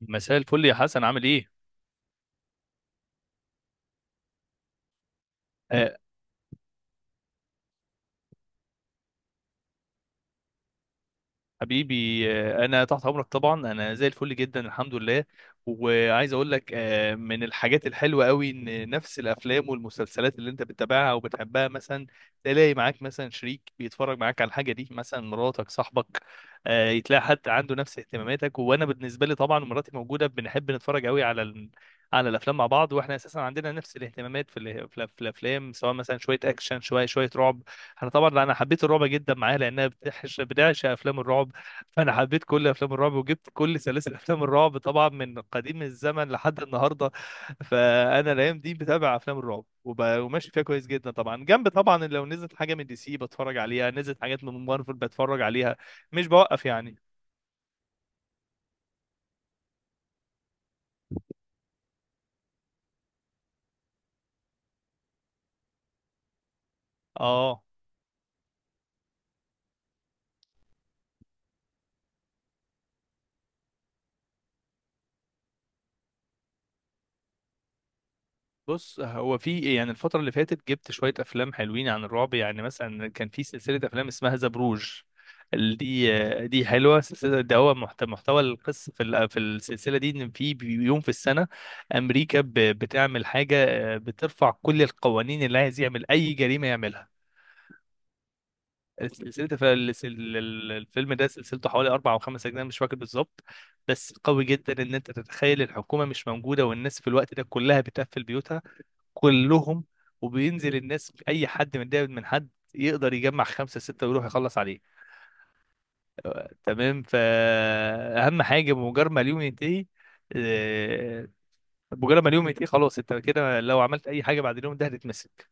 مساء الفل يا حسن، عامل ايه؟ آه، حبيبي. انا تحت امرك، طبعا انا زي الفل جدا، الحمد لله. وعايز اقول لك، من الحاجات الحلوه قوي ان نفس الافلام والمسلسلات اللي انت بتتابعها وبتحبها، مثلا تلاقي معاك مثلا شريك بيتفرج معاك على الحاجه دي، مثلا مراتك، صاحبك. يتلاقي حد عنده نفس اهتماماتك. وانا بالنسبه لي طبعا مراتي موجوده، بنحب نتفرج قوي على على الافلام مع بعض. واحنا اساسا عندنا نفس الاهتمامات في الافلام، سواء مثلا شويه اكشن، شويه شويه رعب. انا طبعا حبيت الرعب جدا معاها، لانها بتعشق بتعشق افلام الرعب. فانا حبيت كل افلام الرعب، وجبت كل سلاسل افلام الرعب طبعا من قديم الزمن لحد النهارده. فانا الايام دي بتابع افلام الرعب، وماشي فيها كويس جدا. طبعا جنب طبعا، لو نزلت حاجه من دي سي بتفرج عليها، نزلت حاجات من مارفل بتفرج عليها. مش بوقف يعني. اه، بص، هو في إيه؟ يعني الفترة اللي فاتت جبت شوية أفلام حلوين عن الرعب. يعني مثلا كان في سلسلة أفلام اسمها ذا بروج. دي حلوة سلسلة. ده هو محتوى القصة في السلسلة دي، إن في يوم في السنة أمريكا بتعمل حاجة، بترفع كل القوانين، اللي عايز يعمل أي جريمة يعملها. سلسلة الفيلم ده سلسلته حوالي أربع أو خمس أجزاء مش فاكر بالظبط. بس قوي جدا إن أنت تتخيل الحكومة مش موجودة، والناس في الوقت ده كلها بتقفل بيوتها، كلهم. وبينزل الناس، اي حد متضايق من حد يقدر يجمع خمسه سته ويروح يخلص عليه. تمام؟ فاهم حاجه؟ بمجرد ما اليوم ينتهي، آه، بمجرد ما اليوم ينتهي خلاص، انت كده لو عملت اي حاجه بعد اليوم ده هتتمسك.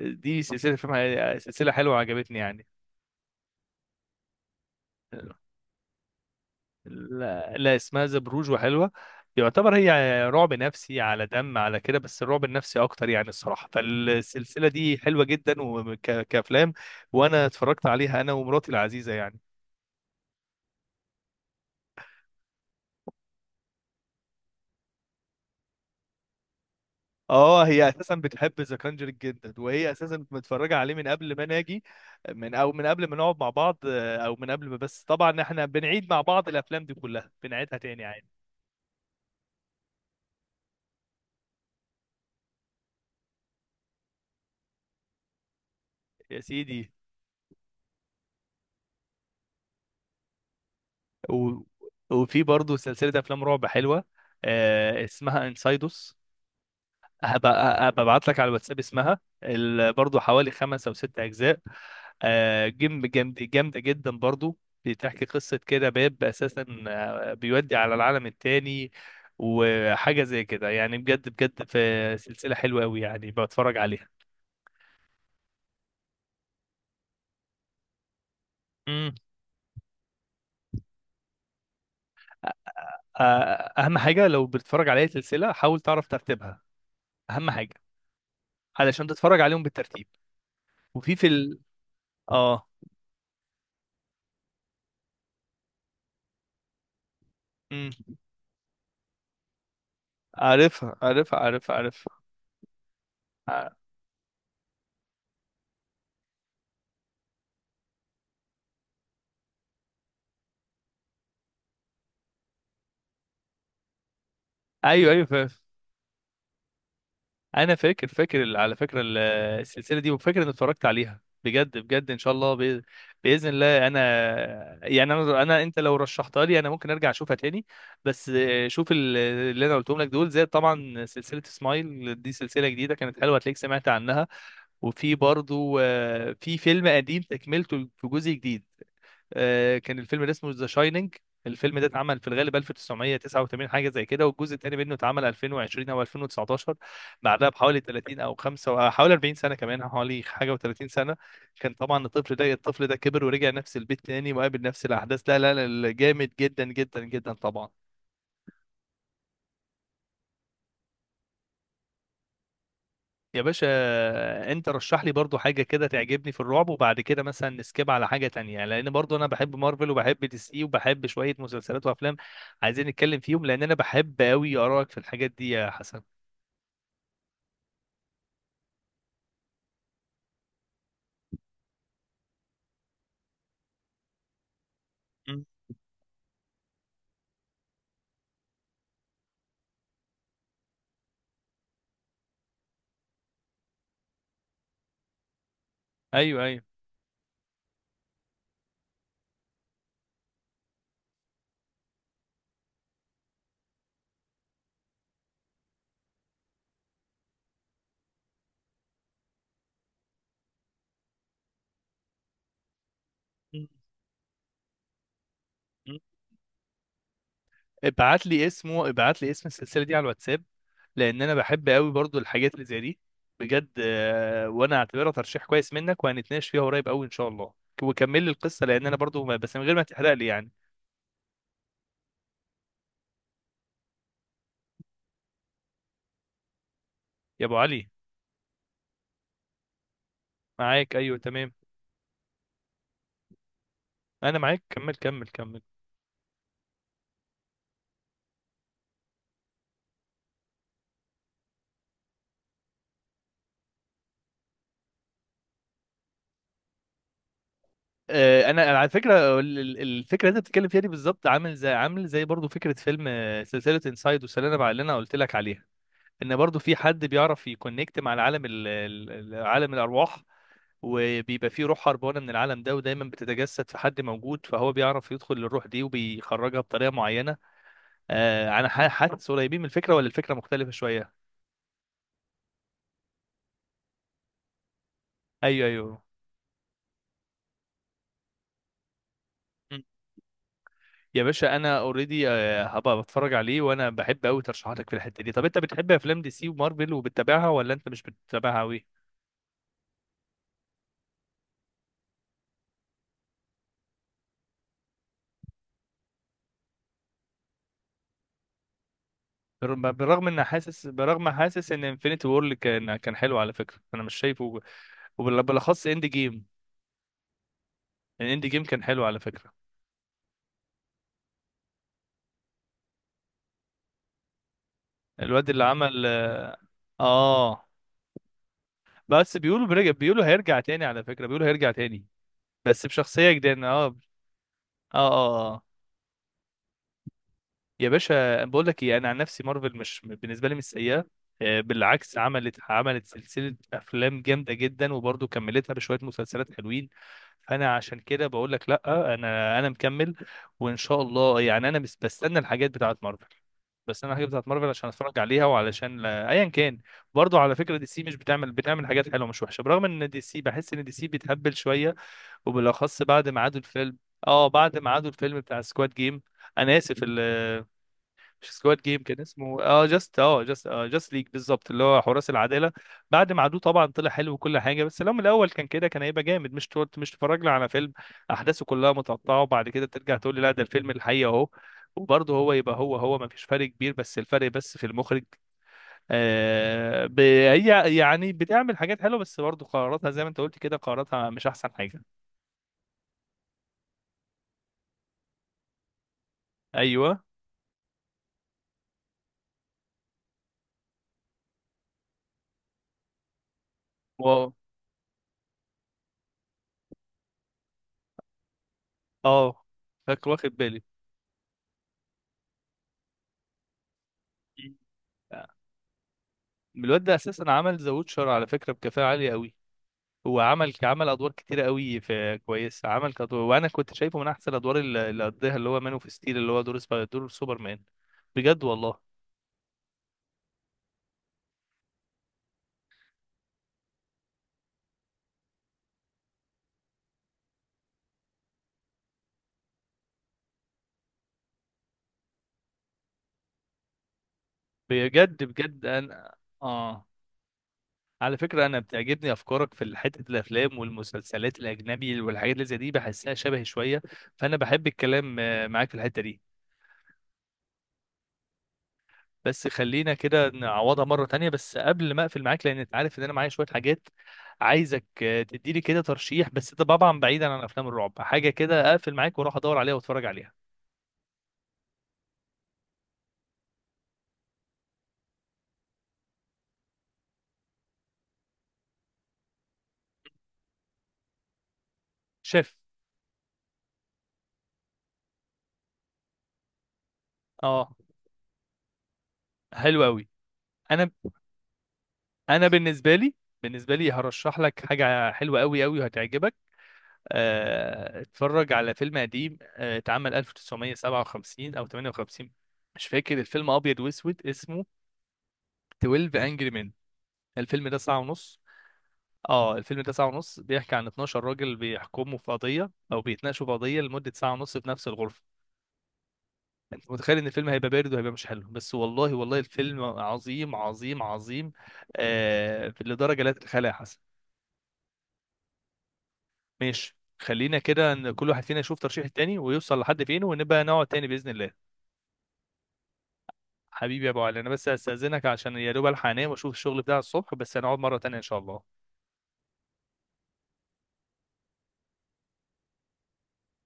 دي سلسله فيلم، سلسله حلوه عجبتني يعني. لا, لا، اسمها ذا بروج وحلوة. يعتبر هي رعب نفسي على دم، على كده، بس الرعب النفسي اكتر يعني الصراحة. فالسلسلة دي حلوة جدا وكافلام، وانا اتفرجت عليها انا ومراتي العزيزة يعني. اه، هي اساسا بتحب ذا كانجرينج جدا، وهي اساسا متفرجه عليه من قبل ما ناجي، من قبل ما نقعد مع بعض، آه، او من قبل ما بس طبعا احنا بنعيد مع بعض الافلام دي كلها، بنعيدها تاني عادي. يا سيدي. و... وفي برضه سلسله افلام رعب حلوه، اسمها انسايدوس. هبقى ببعت لك على الواتساب اسمها برضو حوالي خمس او ست اجزاء. جيم جامد، جامده جدا برضو. بتحكي قصه كده، باب اساسا بيودي على العالم التاني، وحاجه زي كده يعني بجد بجد. في سلسله حلوه قوي يعني، بتفرج عليها. امم. اهم حاجه لو بتتفرج على اي سلسله، حاول تعرف ترتيبها. اهم حاجه علشان تتفرج عليهم بالترتيب. وفي في اه، امم. عارفها. ع- ايوه ايوه. انا فاكر على فكره السلسله دي، وفاكر اني اتفرجت عليها بجد بجد. ان شاء الله، باذن الله. انا يعني انا، انت لو رشحتها لي انا ممكن ارجع اشوفها تاني. بس شوف اللي انا قلتهم لك دول، زي طبعا سلسله سمايل، دي سلسله جديده كانت حلوه، هتلاقيك سمعت عنها. وفي برضو في فيلم قديم تكملته في جزء جديد، كان الفيلم ده اسمه ذا شايننج. الفيلم ده اتعمل في الغالب 1989 حاجه زي كده، والجزء الثاني منه اتعمل 2020 او 2019، بعدها بحوالي 30 او 5، أو حوالي 40 سنه، كمان حوالي حاجه و30 سنه. كان طبعا الطفل ده، الطفل ده كبر ورجع نفس البيت تاني وقابل نفس الاحداث. لا لا لا، جامد جدا جدا جدا طبعا. يا باشا، انت رشح لي برضو حاجة كده تعجبني في الرعب، وبعد كده مثلا نسكيب على حاجة تانية يعني. لان برضو انا بحب مارفل، وبحب دي سي، وبحب شوية مسلسلات وافلام، عايزين نتكلم فيهم. لان انا بحب قوي ارائك في الحاجات دي يا حسن. مم. ايوه ايوه. مم. مم. ابعت لي اسمه، ابعت لي اسم السلسلة دي على الواتساب، لان انا بحب قوي برضو الحاجات اللي زي دي. بجد، وانا اعتبرها ترشيح كويس منك، وهنتناقش فيها قريب قوي ان شاء الله. وكمل لي القصة لان انا برضو بس من غير ما تحرق لي يعني. يا ابو علي. معاك، ايوه تمام. انا معاك، كمل كمل كمل. انا على فكره الفكره اللي انت بتتكلم فيها دي بالظبط، عامل زي، عامل زي برضو فكره فيلم، سلسله انسايد والسلالم بقى اللي انا قلت لك عليها. ان برضو في حد بيعرف يكونكت مع العالم، عالم الارواح، وبيبقى فيه روح هربانه من العالم ده، ودايما بتتجسد في حد موجود، فهو بيعرف يدخل للروح دي وبيخرجها بطريقه معينه. انا حاسس قريبين من الفكره، ولا الفكره مختلفه شويه؟ ايوه ايوه. يا باشا، انا اوريدي. هبقى بتفرج عليه، وانا بحب قوي ترشيحاتك في الحته دي. طب انت بتحب افلام دي سي ومارفل وبتتابعها، ولا انت مش بتتابعها قوي؟ برغم ان حاسس، برغم حاسس ان انفينيتي وور كان كان حلو على فكره، انا مش شايفه. وبالاخص اند جيم، الاند جيم كان حلو على فكره. الواد اللي عمل اه، آه. بس بيقولوا برجع، بيقولوا هيرجع تاني على فكره، بيقولوا هيرجع تاني بس بشخصيه جديده. اه، اه، اه، آه. يا باشا، بقول لك ايه، انا عن نفسي مارفل مش بالنسبه لي مش سيئه. بالعكس، عملت عملت سلسله افلام جامده جدا، وبرضه كملتها بشويه مسلسلات حلوين. فانا عشان كده بقول لك لا، انا مكمل. وان شاء الله، يعني انا بس بستنى الحاجات بتاعه مارفل، بس انا الحاجات بتاعه مارفل عشان اتفرج عليها، وعلشان ايا كان. برضه على فكره دي سي مش بتعمل، بتعمل حاجات حلوه مش وحشه، برغم ان دي سي بحس ان دي سي بتهبل شويه، وبالاخص بعد ما عادوا الفيلم. اه، بعد ما عادوا الفيلم بتاع سكواد جيم. انا اسف، مش سكواد جيم، كان اسمه جاست، جاست، جاست ليج بالظبط، اللي هو حراس العداله. بعد ما عدوه طبعا طلع حلو وكل حاجه، بس لو من الاول كان كده كان هيبقى جامد. مش تتفرجنا على فيلم احداثه كلها متقطعه، وبعد كده ترجع تقول لي لا ده الفيلم الحقيقي اهو. وبرضه هو يبقى هو هو، ما فيش فرق كبير، بس الفرق، بس في المخرج. آه هي يعني بتعمل حاجات حلوه، بس برضه قراراتها زي ما انت قلت كده، قراراتها مش احسن حاجه. ايوه. واو. اه. فاكر، واخد بالي. الواد ده اساسا عمل ذا ووتشر على فكره بكفاءه عاليه قوي. هو عمل عمل ادوار كتيره قوي، في كويس عمل كدور. وانا كنت شايفه من احسن الادوار اللي اللي قضيها، اللي هو مان اوف ستيل، اللي هو دور سوبرمان. بجد والله. بجد بجد انا. اه. على فكره، انا بتعجبني افكارك في حته الافلام والمسلسلات الاجنبي والحاجات اللي زي دي، بحسها شبهي شويه. فانا بحب الكلام معاك في الحته دي. بس خلينا كده نعوضها مرة تانية. بس قبل ما اقفل معاك، لان انت عارف ان انا معايا شوية حاجات، عايزك تديلي كده ترشيح، بس ده طبعا بعيدا عن افلام الرعب، حاجة كده اقفل معاك واروح ادور عليها واتفرج عليها. شاف؟ اه، حلو قوي. انا، انا بالنسبة لي، هرشح لك حاجة حلوة قوي قوي وهتعجبك. اتفرج على فيلم قديم، اتعمل 1957 او 58، مش فاكر. الفيلم ابيض واسود، اسمه 12 انجري مان. الفيلم ده ساعة ونص. اه، الفيلم ده ساعة ونص، بيحكي عن 12 راجل بيحكموا في قضية أو بيتناقشوا في قضية لمدة ساعة ونص في نفس الغرفة. أنت متخيل إن الفيلم هيبقى بارد وهيبقى مش حلو، بس والله والله الفيلم عظيم عظيم عظيم، آه لدرجة لا تتخيلها يا حسن. ماشي، خلينا كده إن كل واحد فينا يشوف ترشيح التاني ويوصل لحد فين، ونبقى نقعد تاني بإذن الله. حبيبي يا أبو علي، أنا بس هستأذنك عشان يا دوب ألحق أنام وأشوف الشغل بتاع الصبح، بس هنقعد مرة تانية إن شاء الله.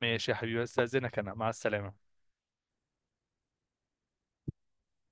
ماشي يا حبيبي، هستأذنك، أنا مع السلامة.